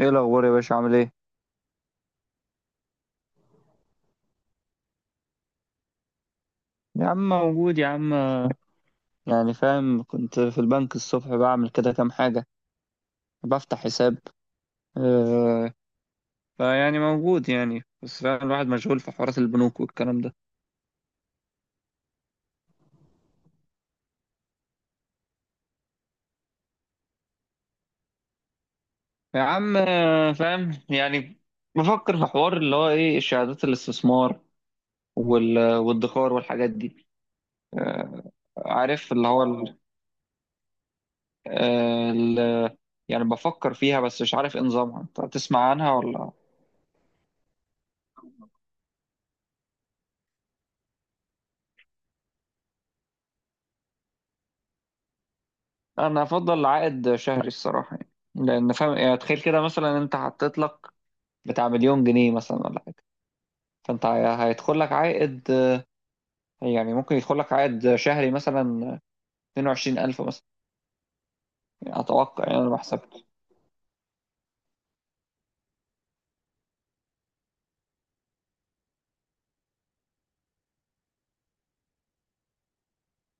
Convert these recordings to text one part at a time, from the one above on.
ايه الاخبار يا باشا؟ عامل ايه؟ يا عم موجود يا عم. يعني فاهم، كنت في البنك الصبح بعمل كده كام حاجه، بفتح حساب. آه. فيعني موجود يعني، بس فاهم الواحد مشغول في حوارات البنوك والكلام ده. يا عم فاهم يعني، بفكر في حوار اللي هو ايه، شهادات الاستثمار والادخار والحاجات دي. آه، عارف اللي هو ال- آه، ال- يعني بفكر فيها، بس مش عارف ايه نظامها، انت تسمع عنها ولا؟ انا افضل عائد شهري الصراحه يعني. لان فاهم يعني، تخيل كده مثلا انت حطيت لك بتاع مليون جنيه مثلا ولا حاجه، فانت هيدخل لك عائد. يعني ممكن يدخل لك عائد شهري مثلا 22,000 مثلا. يعني اتوقع يعني، انا ما حسبتش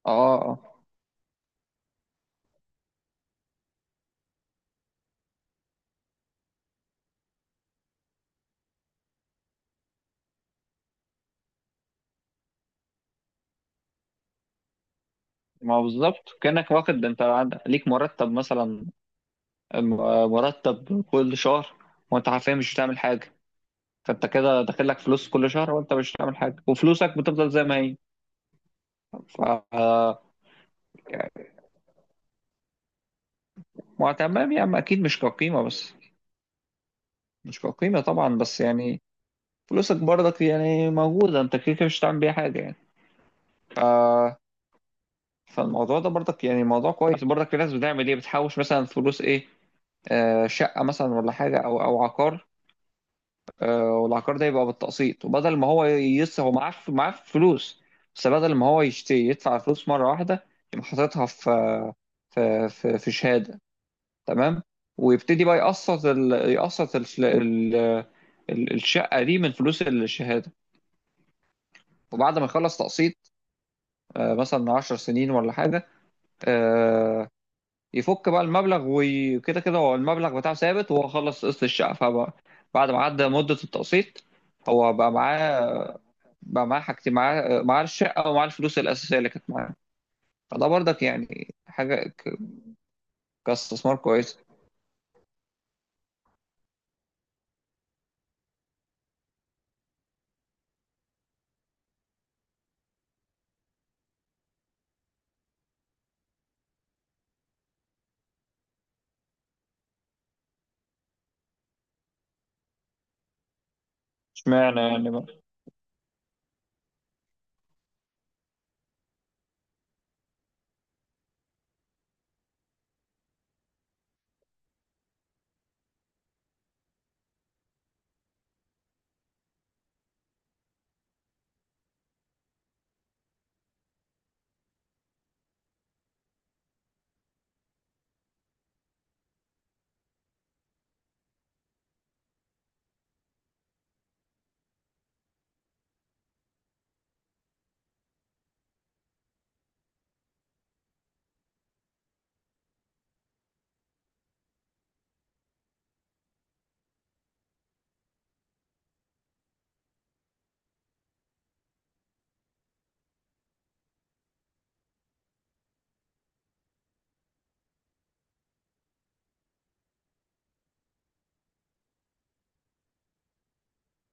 اه اه اه. ما هو بالظبط كانك واخد انت ليك مرتب مثلا، مرتب كل شهر، وانت حرفيا مش بتعمل حاجه. فانت كده داخل لك فلوس كل شهر وانت مش بتعمل حاجه، وفلوسك بتفضل زي ما هي ف ما تمام يا عم، اكيد مش كقيمه بس. مش كقيمه طبعا بس يعني، فلوسك برضك يعني موجوده، انت كده كده مش هتعمل بيها حاجه يعني ف... فالموضوع ده برضك يعني موضوع كويس برضك. في ناس بتعمل ايه، بتحوش مثلا فلوس ايه، آه شقه مثلا ولا حاجه او او عقار. آه، والعقار ده يبقى بالتقسيط، وبدل ما هو هو معاه معاه فلوس، بس بدل ما هو يشتري يدفع فلوس مره واحده، يبقى حاططها في في شهاده، تمام؟ ويبتدي بقى يقسط الشقه دي من فلوس الشهاده. وبعد ما يخلص تقسيط، آه، مثلا 10 سنين ولا حاجه، آه، يفك بقى المبلغ. وكده كده هو المبلغ بتاعه ثابت، وهو خلص قسط الشقه، فبقى بعد ما عدى مده التقسيط، هو بقى معاه حاجتين، معاه الشقه، ومعاه الفلوس الاساسيه اللي كانت معاه. فده برضك يعني كاستثمار كويس. اشمعنى يعني بقى؟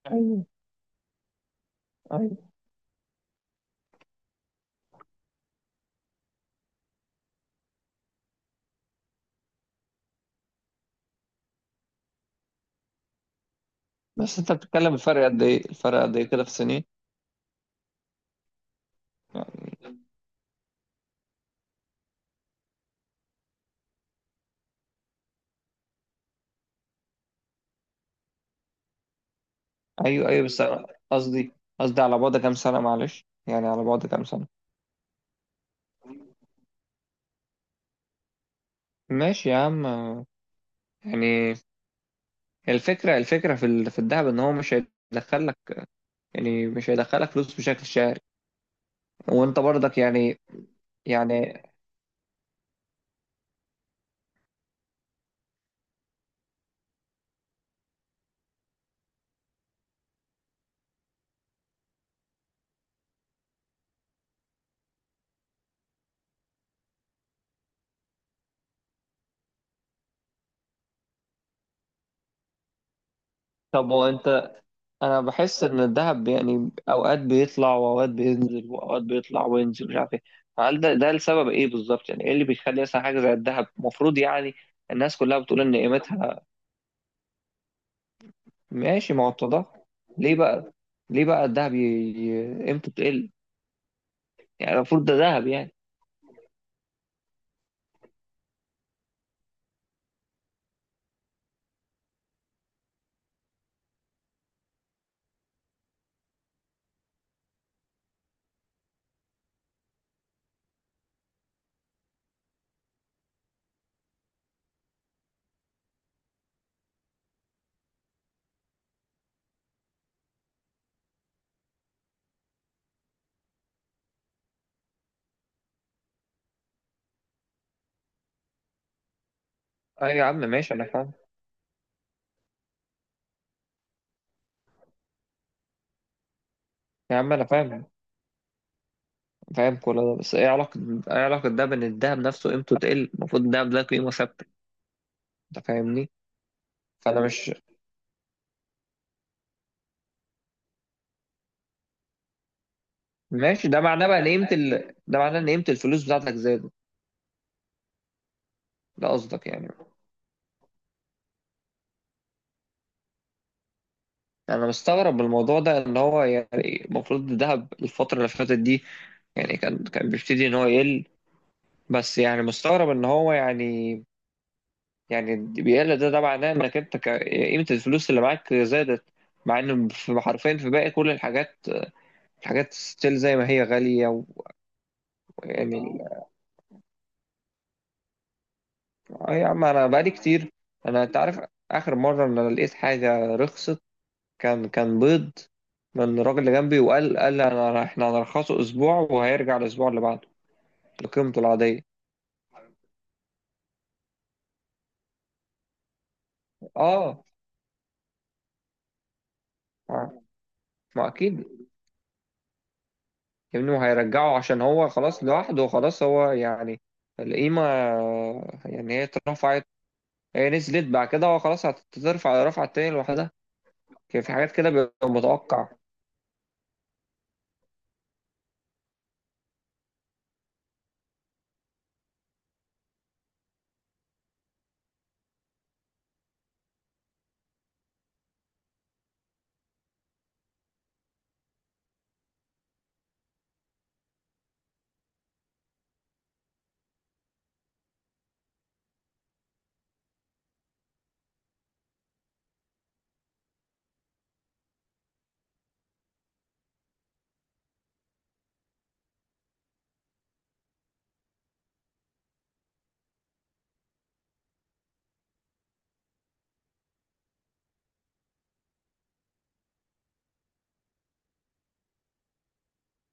ايوه ايوه، بس انت بتتكلم الفرق قد ايه كده في سنين؟ ايوه ايوه، بس أنا قصدي قصدي على بعد كام سنة؟ معلش يعني، على بعد كام سنة؟ ماشي يا عم. يعني الفكرة في الذهب ان هو مش هيدخلك، يعني مش هيدخلك فلوس بشكل شهري، وانت برضك يعني. طب هو انت انا بحس ان الذهب يعني اوقات بيطلع واوقات بينزل، واوقات بيطلع وينزل، مش عارف ايه. فهل ده السبب؟ ايه بالظبط يعني، ايه اللي بيخلي مثلا حاجة زي الذهب، المفروض يعني الناس كلها بتقول ان قيمتها؟ ماشي، ما هو التضخم. ليه بقى، ليه بقى الذهب قيمته تقل؟ يعني المفروض ده ذهب يعني. اي يا عم ماشي، انا فاهم. يا عم انا فاهم، فاهم كل ده، بس ايه علاقة ده بان الذهب نفسه قيمته تقل؟ المفروض الذهب ده قيمة ثابتة، انت فاهمني؟ فانا مش، ماشي. ده معناه بقى ان قيمة ال... ده معناه ان قيمة الفلوس بتاعتك زادت، ده قصدك يعني؟ انا مستغرب من الموضوع ده، ان هو يعني المفروض الذهب الفترة اللي فاتت دي، يعني كان بيبتدي ان هو يقل، بس يعني مستغرب ان هو يعني، يعني بيقل، ده معناه انك انت قيمة الفلوس اللي معاك زادت، مع ان في حرفيا في باقي كل الحاجات، الحاجات ستيل زي ما هي غالية يعني يا عم، انا بقالي كتير، انت عارف اخر مرة ان انا لقيت حاجة رخصت كان بيض، من الراجل اللي جنبي، وقال، قال احنا هنرخصه اسبوع، وهيرجع الاسبوع اللي بعده لقيمته العادية. اه. ما ما اكيد. يا ابني، ما هيرجعه عشان هو خلاص لوحده، خلاص هو يعني القيمة، يعني هي اترفعت، هي نزلت بعد كده، هو خلاص هترفع رفعة تاني لوحدها. كان في حاجات كده بيبقى متوقع.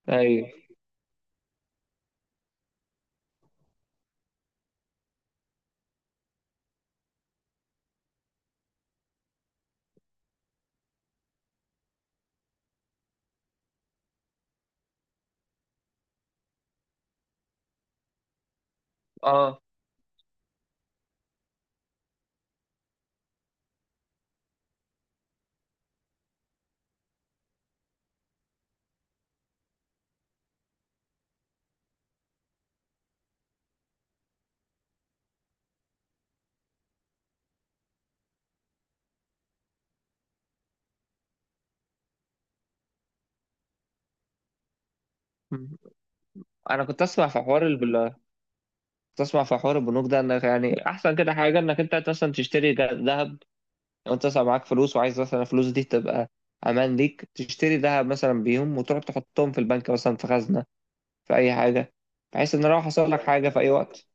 ايوه. اه. مم. انا كنت اسمع في حوار كنت اسمع في حوار البنوك ده، انك يعني احسن كده حاجه انك انت مثلا تشتري ذهب. لو انت مثلا معاك فلوس، وعايز مثلا الفلوس دي تبقى امان ليك، تشتري ذهب مثلا بيهم، وتروح تحطهم في البنك مثلا، في خزنه، في اي حاجه. بحيث ان لو حصل لك حاجه في اي وقت،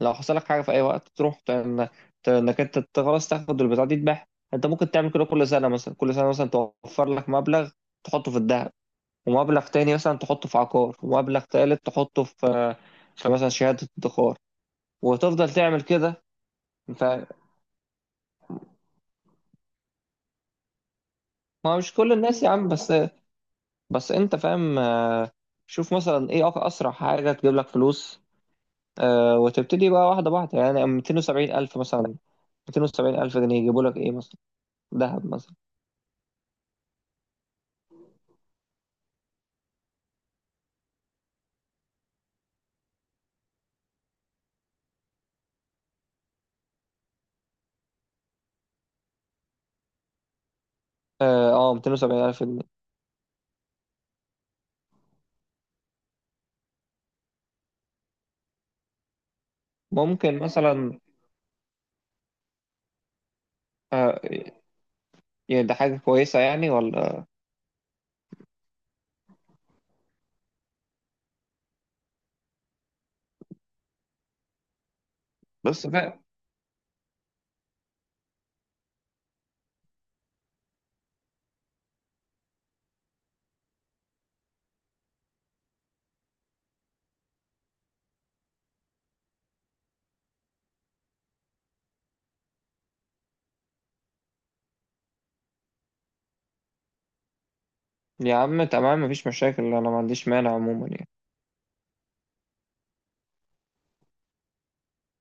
لو حصل لك حاجه في اي وقت، تروح انك انت خلاص تاخد البتاع دي تبيعها. انت ممكن تعمل كده كل سنه مثلا، كل سنه مثلا توفر لك مبلغ تحطه في الذهب، ومبلغ تاني مثلا تحطه في عقار، ومبلغ تالت تحطه في في مثلا شهاده ادخار، وتفضل تعمل كده انت. ما هو مش كل الناس يا عم، بس بس انت فاهم آه، شوف مثلا ايه اسرع حاجه تجيب لك فلوس. آه، وتبتدي بقى واحده واحده، يعني 270 الف مثلا، 270 الف جنيه يجيبوا لك ايه مثلا؟ ذهب مثلا؟ 270,000 جنيه، ممكن مثلا آه. يعني ده حاجة كويسة يعني ولا؟ بس فاهم. يا عم تمام، مفيش مشاكل، أنا ما عنديش مانع عموما يعني.